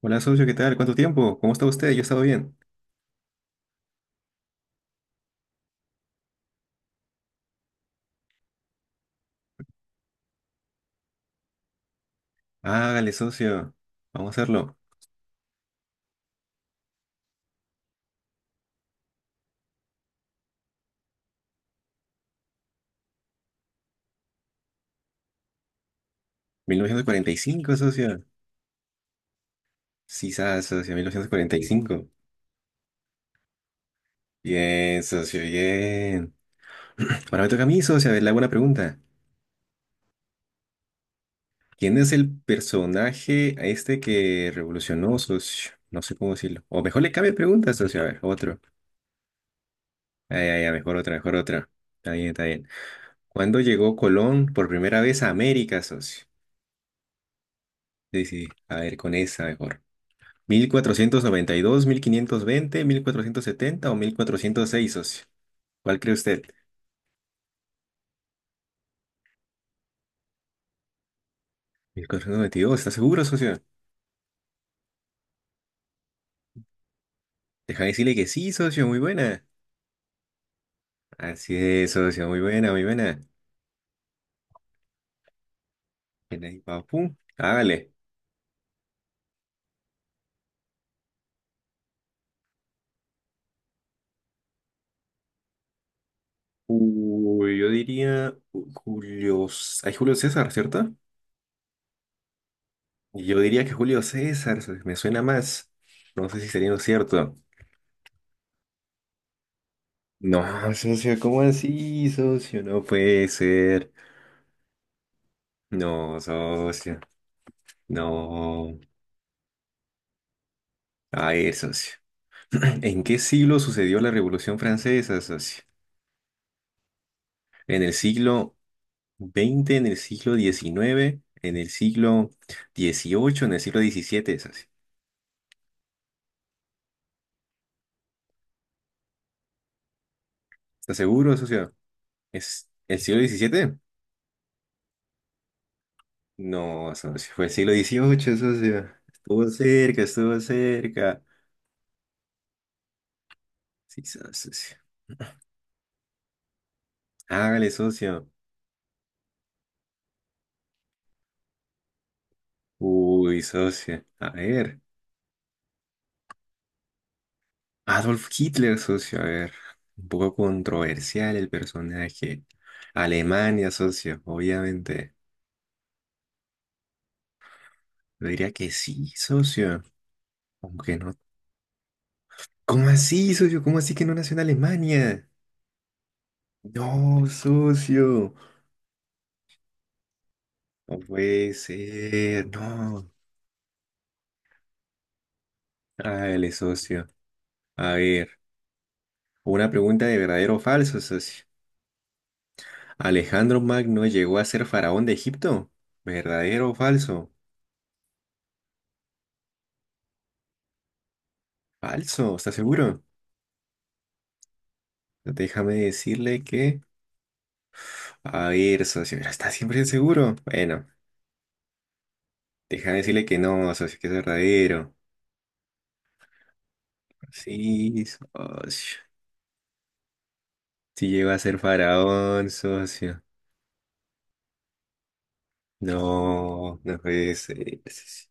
Hola socio, ¿qué tal? ¿Cuánto tiempo? ¿Cómo está usted? Yo he estado bien. Hágale, socio. Vamos a hacerlo. 1945, socio. Sí, sabes, socio, 1945. Bien, socio, bien. Ahora me toca a mí, socio. A ver, le hago una pregunta. ¿Quién es el personaje a este que revolucionó, socio? No sé cómo decirlo. O mejor le cambia pregunta, socio. A ver, otro. Ay, ay, ay, mejor otra, mejor otra. Está bien, está bien. ¿Cuándo llegó Colón por primera vez a América, socio? Sí, sí. A ver, con esa mejor. Mil cuatrocientos noventa y dos, mil quinientos veinte, mil cuatrocientos setenta o mil cuatrocientos seis, socio. ¿Cuál cree usted? Mil cuatrocientos noventa y dos, ¿está seguro, socio? Deja de decirle que sí, socio, muy buena. Así es, socio, muy buena, muy buena. Ven ahí, papu. Hágale. Uy, yo diría Julio. C- Hay Julio César, ¿cierto? Yo diría que Julio César, socio, me suena más. No sé si sería lo cierto. No, socio, ¿cómo así, socio? No puede ser. No, socio. No. Ay, socio. ¿En qué siglo sucedió la Revolución Francesa, socio? ¿En el siglo veinte? ¿En el siglo diecinueve? ¿En el siglo dieciocho? ¿En el siglo diecisiete, socio? ¿Estás seguro, socio? ¿Es el siglo diecisiete? No, socio, fue el siglo dieciocho, socio. Estuvo cerca, estuvo cerca. Sí, socio. Hágale, socio. Uy, socio. A ver. Adolf Hitler, socio, a ver, un poco controversial el personaje. Alemania, socio, obviamente. Yo diría que sí, socio. Aunque no. ¿Cómo así, socio? ¿Cómo así que no nació en Alemania? No, socio. No puede ser, no. Dale, socio. A ver, una pregunta de verdadero o falso, socio. ¿Alejandro Magno llegó a ser faraón de Egipto? ¿Verdadero o falso? Falso, ¿estás seguro? Déjame decirle que a ver, socio, pero está siempre seguro. Bueno, déjame decirle que no, socio, que es verdadero. Sí, socio. Si llegó a ser faraón, socio. No, no puede ser, socio.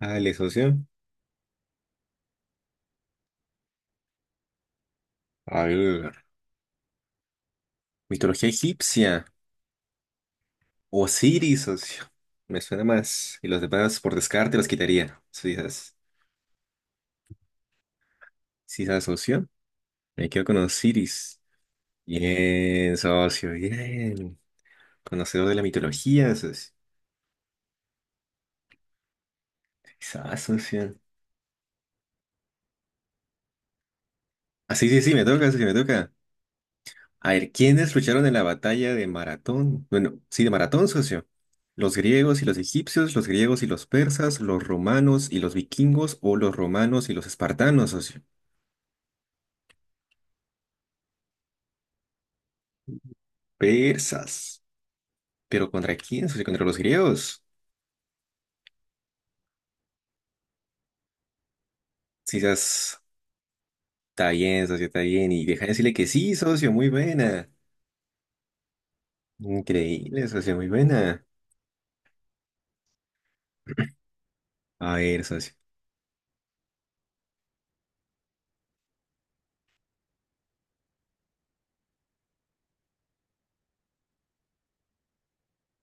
Dale, socio. A ver, mitología egipcia. Osiris, socio. Me suena más. Y los demás, por descarte, los quitaría. Sí, esas, socio. Me quedo con Osiris. Bien, socio, bien. Conocedor de la mitología, socio. Quizás, socio. Ah, sí, me toca, socio, me toca. A ver, ¿quiénes lucharon en la batalla de Maratón? Bueno, sí, de Maratón, socio. ¿Los griegos y los egipcios, los griegos y los persas, los romanos y los vikingos o los romanos y los espartanos, socio? Persas. ¿Pero contra quién, socio? ¿Contra los griegos? Sí, esas- Está bien, socio, está bien. Y deja de decirle que sí, socio, muy buena. Increíble, socio, muy buena. A ver, socio.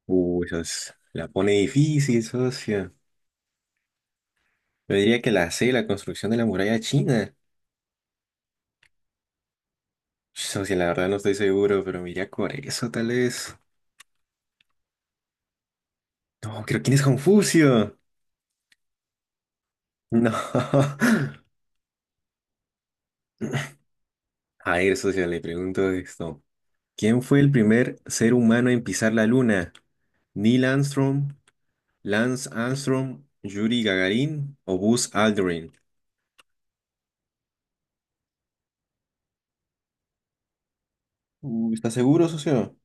Uy, socio, la pone difícil, socio. Yo diría que la C, la construcción de la muralla china. Socio, la verdad no estoy seguro, pero me iría por eso tal vez. No, creo quién es Confucio. No. A ver, socio, le pregunto esto. ¿Quién fue el primer ser humano en pisar la luna? ¿Neil Armstrong, Lance Armstrong, Yuri Gagarin o Buzz Aldrin? ¿Estás seguro, socio?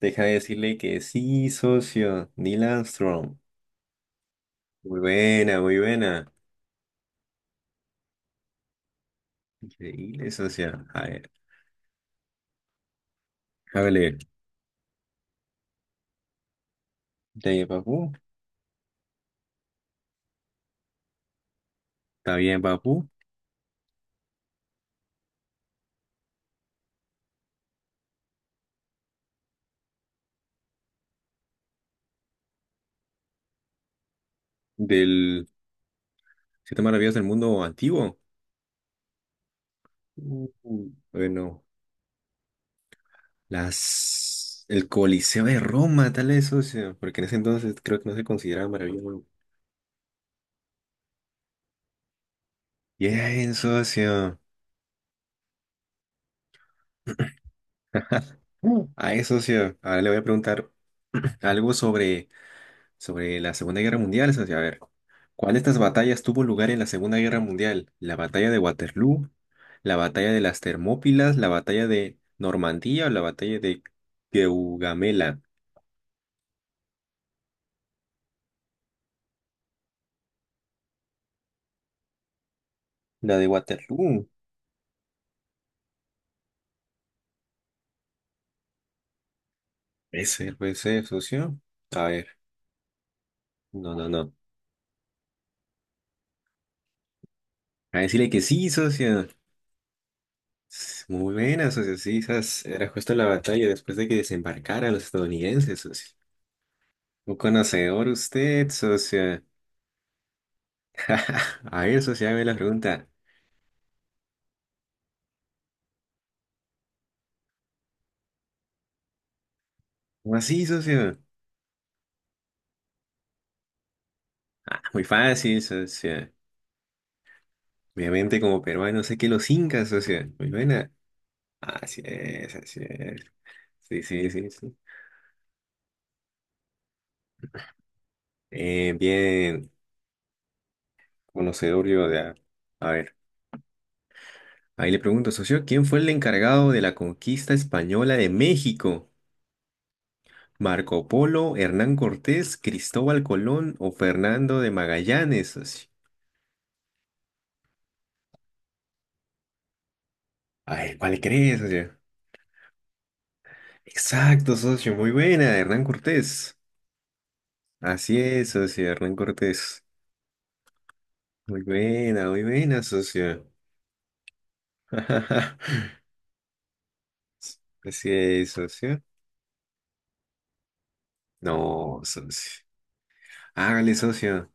Deja de decirle que sí, socio. Neil Armstrong. Muy buena, muy buena. Increíble, socio. A ver, hágale. ¿Está bien, papu? ¿Está bien, papu? Del... Siete maravillas del mundo antiguo. Bueno, las... El Coliseo de Roma, tal vez, socio. Porque en ese entonces creo que no se consideraba maravilloso. Bien, socio. A eso, socio. Ahora le voy a preguntar algo sobre la Segunda Guerra Mundial, socio. A ver, ¿cuál de estas batallas tuvo lugar en la Segunda Guerra Mundial? ¿La batalla de Waterloo? ¿La batalla de las Termópilas? ¿La batalla de Normandía o la batalla de Gaugamela? La de Waterloo. Puede ser, socio. A ver, no, no, no. A decirle que sí, socio. S- Muy buena, socio. Sí, esas era justo la batalla después de que desembarcaran los estadounidenses, socio. Un conocedor usted, socio. A ver, socio, hágame la pregunta. ¿Cómo así, socio? Ah, muy fácil, socio. Obviamente, como peruano, sé que los incas, socio. Muy buena. Así es, así es. Sí, sí, sí, sí. Bien, conocedor yo de... A ver. Ahí le pregunto, socio, ¿quién fue el encargado de la conquista española de México? ¿Marco Polo, Hernán Cortés, Cristóbal Colón o Fernando de Magallanes, socio? Ay, ¿cuál crees, socio? Exacto, socio, muy buena, Hernán Cortés. Así es, socio, Hernán Cortés. Muy buena, socio. Así es, socio. No, socio. Hágale, socio.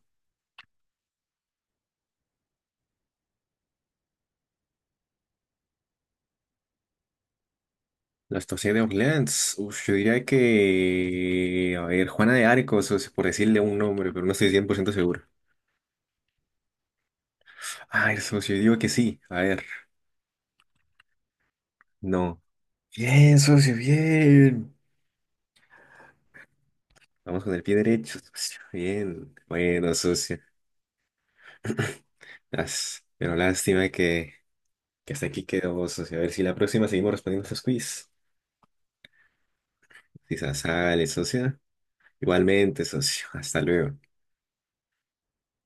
La estación de Orleans. Uf, yo diría que... A ver, Juana de Arco, socio, por decirle un nombre, pero no estoy 100% seguro. Ay, socio, yo digo que sí. A ver, no. Bien, socio, bien. Vamos con el pie derecho, socio. Bien. Bueno, socio. As- Pero lástima que hasta aquí quedó, socio. A ver si la próxima seguimos respondiendo estos quiz. Quizás sale, socio. Igualmente, socio. Hasta luego.